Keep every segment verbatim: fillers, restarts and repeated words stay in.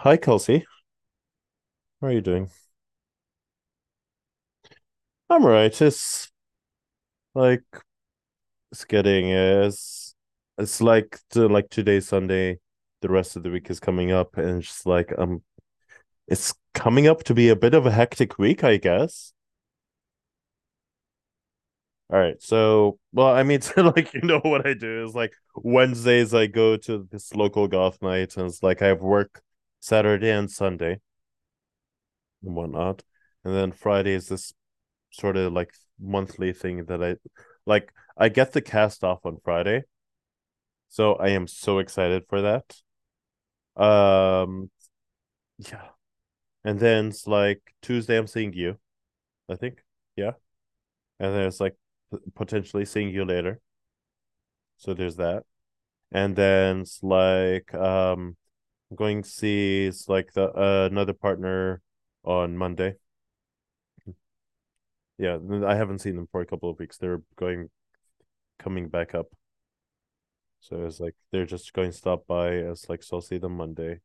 Hi, Kelsey. How are you doing? I'm all right. It's like it's getting uh, it's it's like to, like today's Sunday. The rest of the week is coming up, and it's just like um, it's coming up to be a bit of a hectic week, I guess. All right. So, well, I mean, so like you know what I do is like Wednesdays I go to this local goth night, and it's like I have work Saturday and Sunday and whatnot, and then Friday is this sort of like monthly thing that I like I get the cast off on Friday. So I am so excited for that. Um yeah. And then it's like Tuesday I'm seeing you, I think. Yeah. And then it's like potentially seeing you later. So there's that. And then it's like um I'm going to see it's like the uh, another partner on Monday. Yeah, I haven't seen them for a couple of weeks. They're going coming back up. So it's like they're just going to stop by. It's like so I'll see them Monday,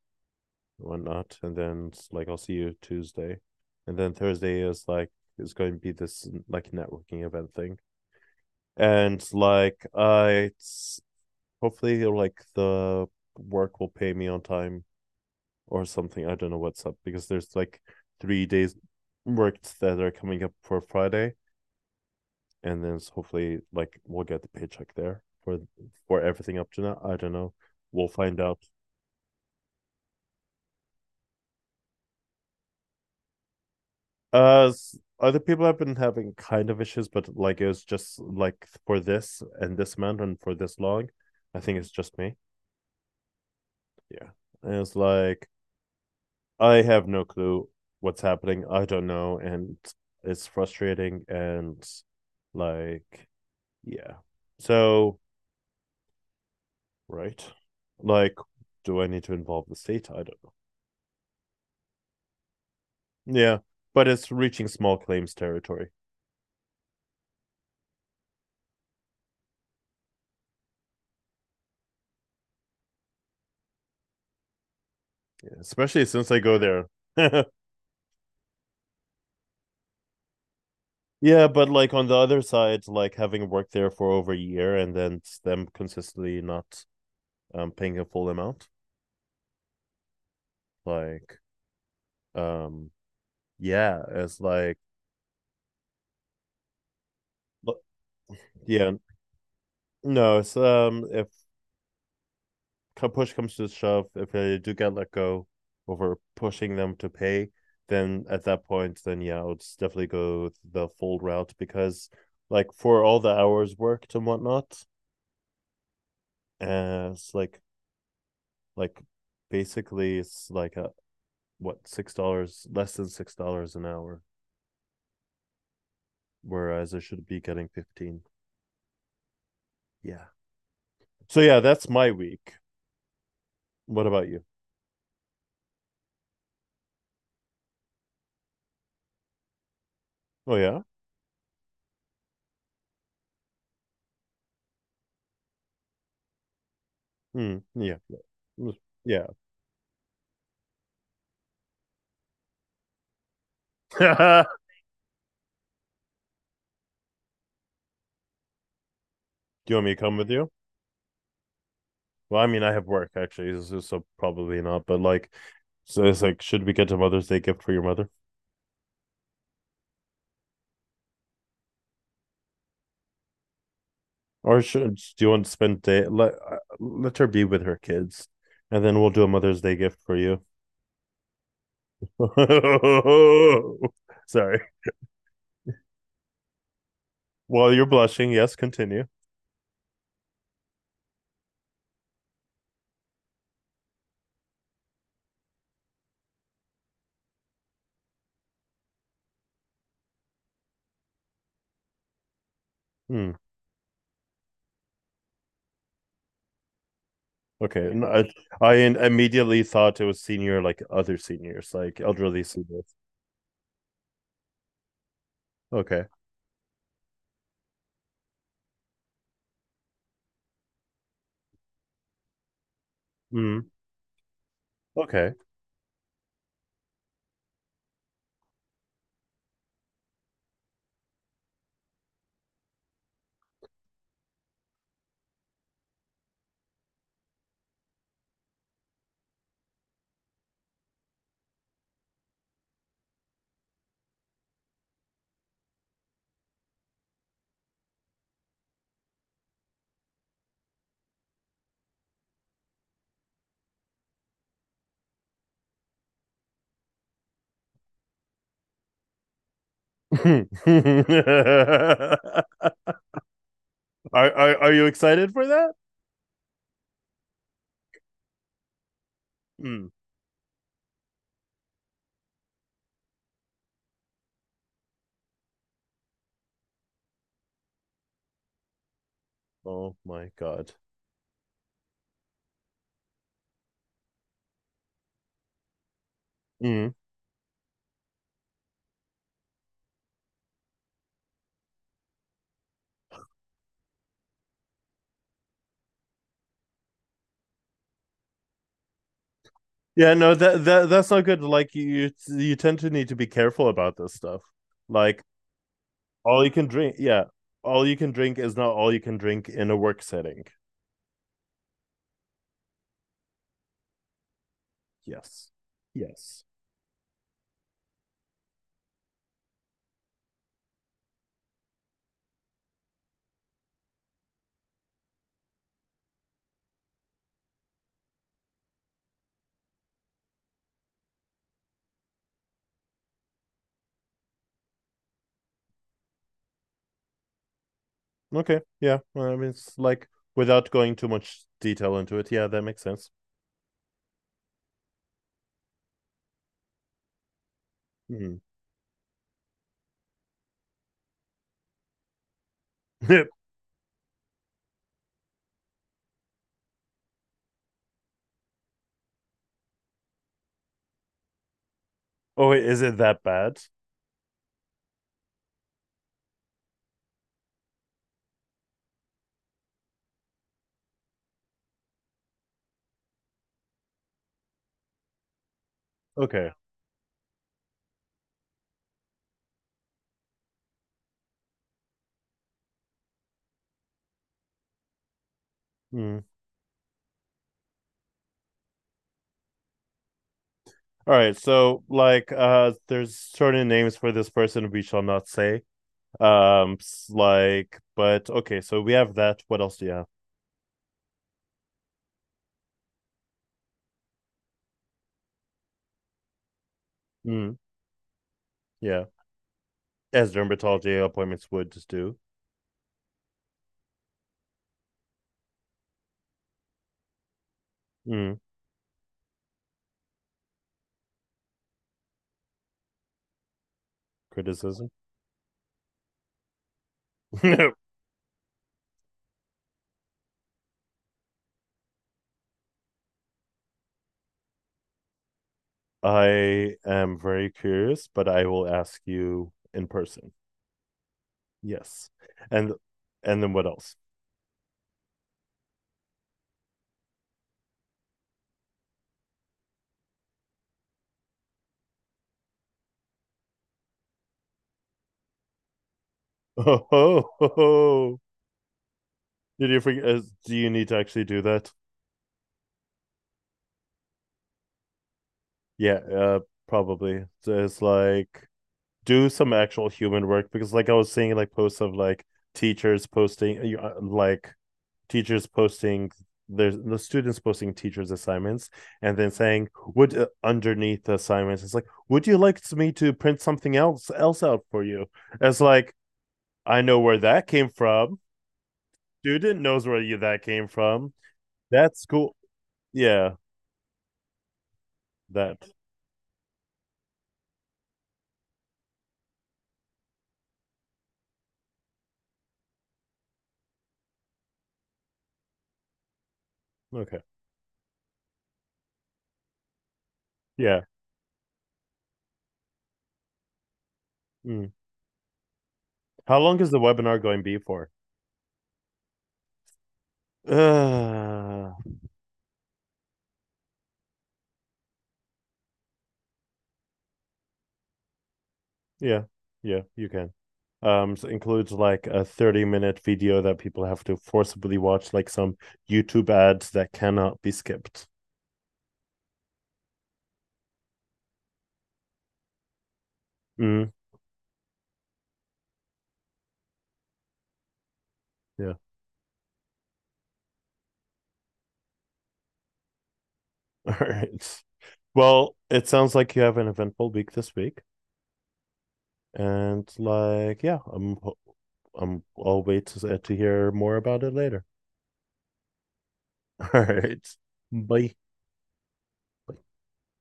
and whatnot, and then it's like I'll see you Tuesday, and then Thursday is like it's going to be this like networking event thing, and like I it's hopefully like the work will pay me on time or something. I don't know what's up because there's like three days worked that are coming up for Friday, and then hopefully like we'll get the paycheck there for for everything up to now. I don't know. We'll find out. Uh, Other people have been having kind of issues, but like it was just like for this and this amount and for this long. I think it's just me. Yeah. And it's like I have no clue what's happening. I don't know, and it's frustrating and like yeah. So right, like, do I need to involve the state? I don't know. Yeah, but it's reaching small claims territory, yeah, especially since I go there. Yeah, but like on the other side, like having worked there for over a year and then them consistently not um paying a full amount, like um yeah, it's like yeah, no, it's um if push comes to shove, if they do get let go over pushing them to pay, then at that point, then yeah, I would definitely go the full route because like for all the hours worked and whatnot, uh, it's like like basically it's like a, what, six dollars, less than six dollars an hour, whereas I should be getting fifteen. Yeah. So yeah, that's my week. What about you? Oh yeah. Hmm. Yeah. Yeah. Do you want me to come with you? Well, I mean, I have work actually, so, so probably not. But like, so it's like, should we get a Mother's Day gift for your mother, or should do you want to spend day, let uh, let her be with her kids, and then we'll do a Mother's Day gift for you. Sorry. While you're blushing, yes, continue. Hmm. Okay, and I I in- immediately thought it was senior, like other seniors, like elderly seniors. Okay. Mm, okay. are, are are you excited for that? Mm. Oh my god. Mm. Yeah, no, that that that's not good. Like you you tend to need to be careful about this stuff. Like all you can drink, yeah, all you can drink is not all you can drink in a work setting. Yes. Yes. Okay. Yeah. Well, I mean, it's like without going too much detail into it. Yeah, that makes sense. Mm. Oh, wait, is it that bad? Okay. Mm. All right. So, like, uh, there's certain names for this person we shall not say. Um, s- like, but okay. So we have that. What else do you have? Mm. Yeah. As dermatology appointments would just do. Mm. Criticism. I am very curious, but I will ask you in person. Yes. And and then what else? Oh, ho, ho, ho. Did you forget? is- Do you need to actually do that? Yeah, uh, probably. So it's like do some actual human work because, like, I was seeing like posts of like teachers posting, uh, like teachers posting there's the students posting teachers' assignments and then saying, "Would uh, Underneath the assignments, it's like, would you like me to print something else else out for you?" It's like I know where that came from. Student knows where you, that came from. That's cool. Yeah, that. Okay. Yeah. Mm. How long is the webinar going to be for? Uh, yeah. Yeah, you can. Um, so includes like a thirty minute video that people have to forcibly watch, like some YouTube ads that cannot be skipped. Mm. Yeah. All right. Well, it sounds like you have an eventful week this week, and like, yeah, I'm, I'm, I'll wait to, to hear more about it later. All right. Bye.